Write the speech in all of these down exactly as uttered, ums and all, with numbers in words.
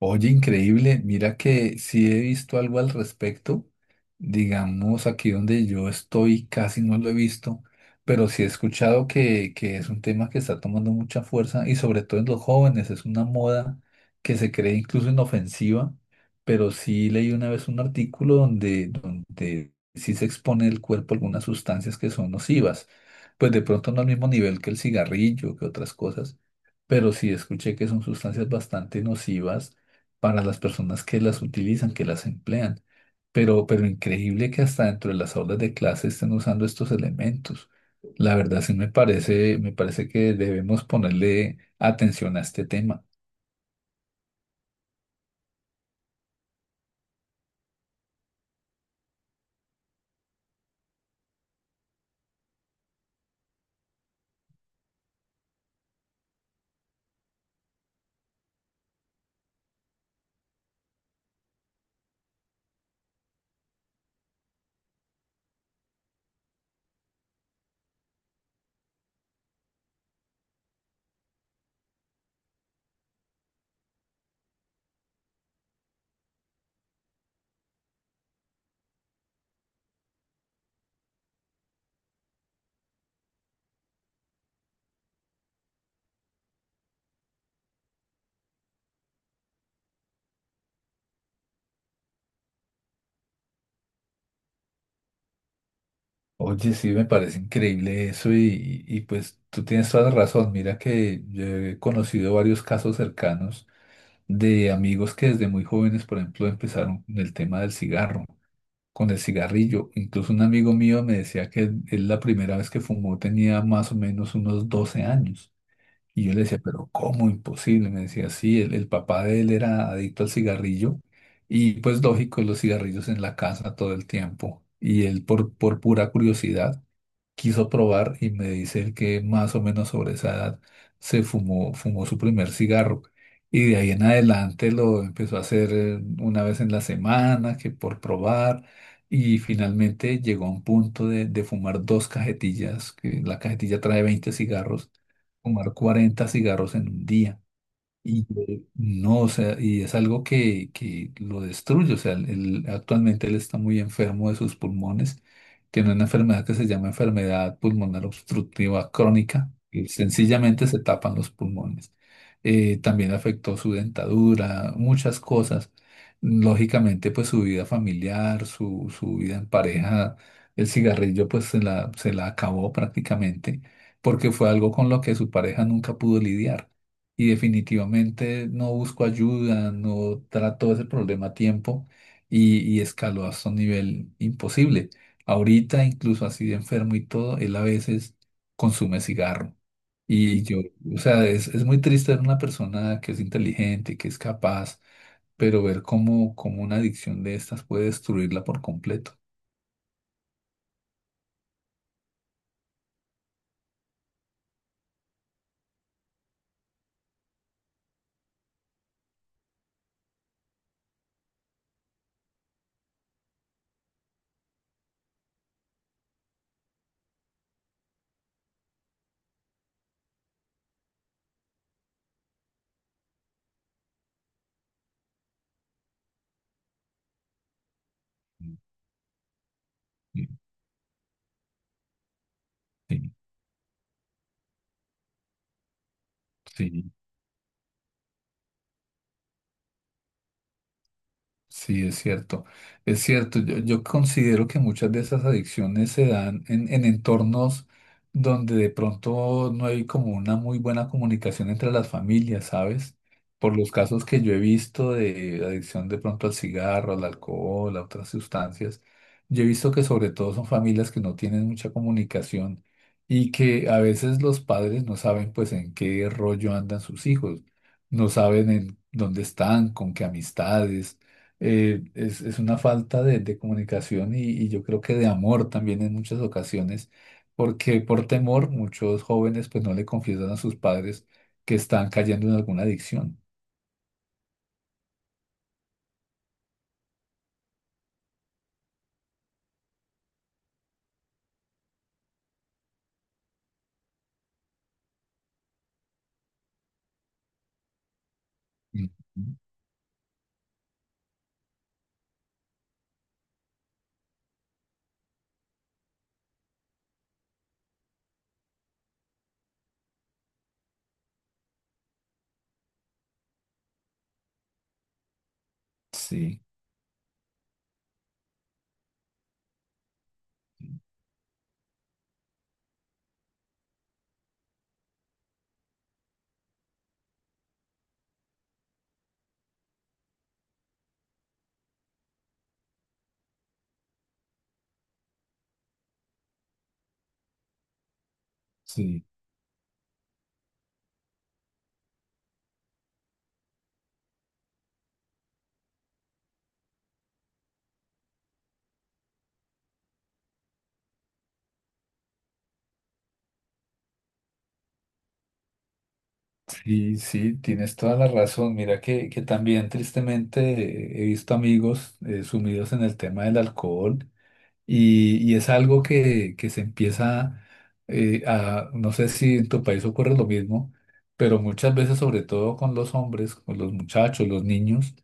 Oye, increíble. Mira que sí he visto algo al respecto. Digamos, aquí donde yo estoy casi no lo he visto, pero sí he escuchado que, que es un tema que está tomando mucha fuerza y sobre todo en los jóvenes. Es una moda que se cree incluso inofensiva, pero sí leí una vez un artículo donde, donde sí se expone el cuerpo a algunas sustancias que son nocivas. Pues de pronto no al mismo nivel que el cigarrillo, que otras cosas, pero sí escuché que son sustancias bastante nocivas para las personas que las utilizan, que las emplean. Pero, pero increíble que hasta dentro de las aulas de clase estén usando estos elementos. La verdad sí me parece, me parece que debemos ponerle atención a este tema. Oye, sí, me parece increíble eso y, y pues tú tienes toda la razón. Mira que yo he conocido varios casos cercanos de amigos que desde muy jóvenes, por ejemplo, empezaron con el tema del cigarro. Con el cigarrillo. Incluso un amigo mío me decía que él la primera vez que fumó tenía más o menos unos doce años. Y yo le decía, pero ¿cómo? Imposible. Me decía, sí, el, el papá de él era adicto al cigarrillo y pues lógico, los cigarrillos en la casa todo el tiempo. Y él por, por pura curiosidad quiso probar y me dice él que más o menos sobre esa edad se fumó, fumó su primer cigarro. Y de ahí en adelante lo empezó a hacer eh, una vez en la semana, que por probar. Y finalmente llegó a un punto de, de fumar dos cajetillas, que la cajetilla trae veinte cigarros, fumar cuarenta cigarros en un día. Y eh, no, o sea, y es algo que, que lo destruye. O sea, él- actualmente él está muy enfermo de sus pulmones. Tiene una enfermedad que se llama enfermedad pulmonar obstructiva crónica. Y sencillamente se tapan los pulmones. Eh, también afectó su dentadura, muchas cosas. Lógicamente, pues su vida familiar, su, su vida en pareja, el cigarrillo, pues se la, se la acabó prácticamente, porque fue algo con lo que su pareja nunca pudo lidiar y definitivamente no busco ayuda, no trato ese problema a tiempo y, y escaló hasta un nivel imposible. Ahorita, incluso así de enfermo y todo, él a veces consume cigarro. Y yo, o sea, es, es muy triste ver una persona que es inteligente, que es capaz, pero ver cómo, cómo una adicción de estas puede destruirla por completo. Sí, sí, sí. Sí, es cierto, es cierto. Yo, yo considero que muchas de esas adicciones se dan en, en entornos donde de pronto no hay como una muy buena comunicación entre las familias, ¿sabes? Por los casos que yo he visto de adicción de pronto al cigarro, al alcohol, a otras sustancias, yo he visto que sobre todo son familias que no tienen mucha comunicación y que a veces los padres no saben pues en qué rollo andan sus hijos, no saben en dónde están, con qué amistades, eh, es, es una falta de, de comunicación y, y yo creo que de amor también en muchas ocasiones, porque por temor muchos jóvenes pues no le confiesan a sus padres que están cayendo en alguna adicción. Ujú. Sí, sí, sí, sí, tienes toda la razón. Mira que, que también tristemente eh, he visto amigos eh, sumidos en el tema del alcohol. Y, y es algo que, que se empieza eh, a, no sé si en tu país ocurre lo mismo, pero muchas veces, sobre todo con los hombres, con los muchachos, los niños,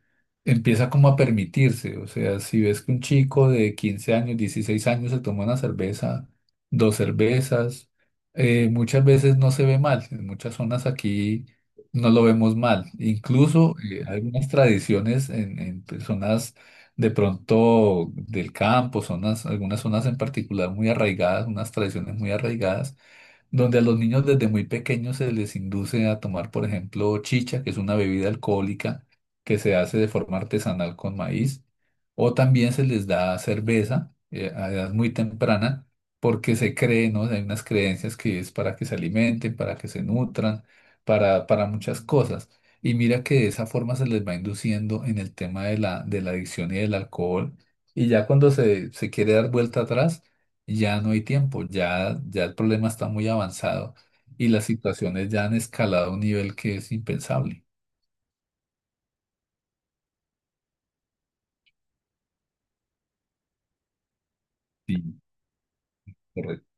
empieza como a permitirse. O sea, si ves que un chico de quince años, dieciséis años se toma una cerveza, dos cervezas, eh, muchas veces no se ve mal. En muchas zonas aquí no lo vemos mal. Incluso eh, algunas tradiciones en, en personas de pronto del campo, zonas, algunas zonas en particular muy arraigadas, unas tradiciones muy arraigadas donde a los niños desde muy pequeños se les induce a tomar, por ejemplo, chicha, que es una bebida alcohólica que se hace de forma artesanal con maíz, o también se les da cerveza eh, a edad muy temprana, porque se cree, ¿no? Hay unas creencias que es para que se alimenten, para que se nutran, para, para muchas cosas. Y mira que de esa forma se les va induciendo en el tema de la, de la adicción y del alcohol. Y ya cuando se, se quiere dar vuelta atrás, ya no hay tiempo, ya, ya el problema está muy avanzado y las situaciones ya han escalado a un nivel que es impensable. Sí, correcto.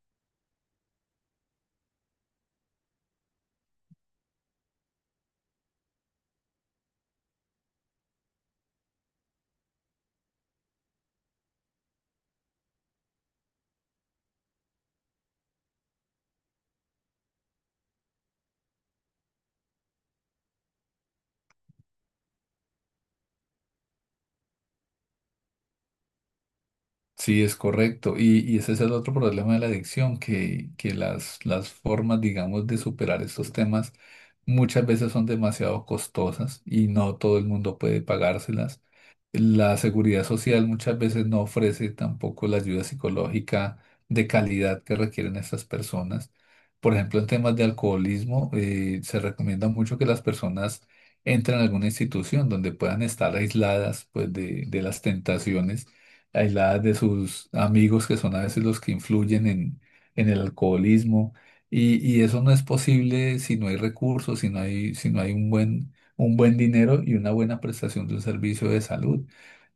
Sí, es correcto. Y, y ese es el otro problema de la adicción, que, que las, las formas, digamos, de superar estos temas muchas veces son demasiado costosas y no todo el mundo puede pagárselas. La seguridad social muchas veces no ofrece tampoco la ayuda psicológica de calidad que requieren estas personas. Por ejemplo, en temas de alcoholismo, eh, se recomienda mucho que las personas entren a alguna institución donde puedan estar aisladas, pues, de de las tentaciones aisladas de sus amigos, que son a veces los que influyen en, en el alcoholismo. Y, y eso no es posible si no hay recursos, si no hay, si no hay un buen, un buen dinero y una buena prestación de un servicio de salud.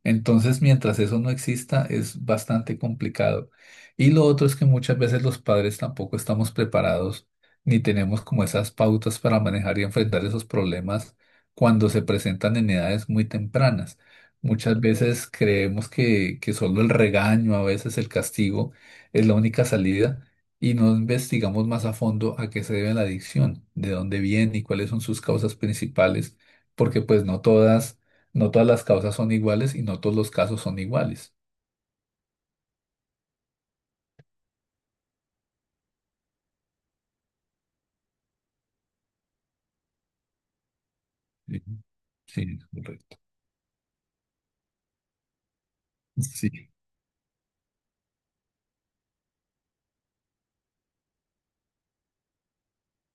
Entonces, mientras eso no exista, es bastante complicado. Y lo otro es que muchas veces los padres tampoco estamos preparados ni tenemos como esas pautas para manejar y enfrentar esos problemas cuando se presentan en edades muy tempranas. Muchas veces creemos que, que solo el regaño, a veces el castigo, es la única salida y no investigamos más a fondo a qué se debe la adicción, de dónde viene y cuáles son sus causas principales, porque pues no todas, no todas las causas son iguales y no todos los casos son iguales. Sí, sí, correcto. Sí,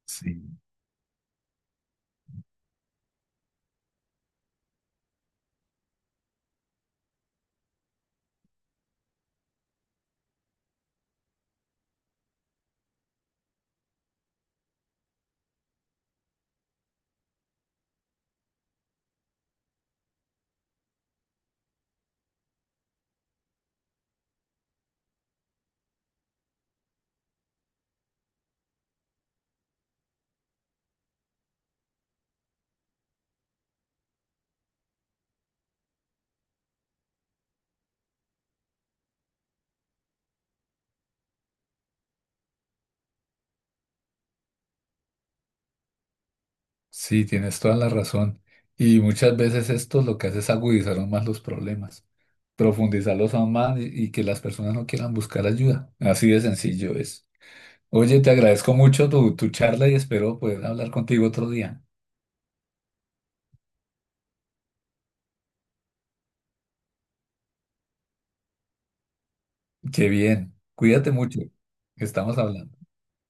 sí. Sí, tienes toda la razón. Y muchas veces esto lo que hace es agudizar aún más los problemas, profundizarlos aún más y, y que las personas no quieran buscar ayuda. Así de sencillo es. Oye, te agradezco mucho tu, tu charla y espero poder hablar contigo otro día. Qué bien. Cuídate mucho. Estamos hablando.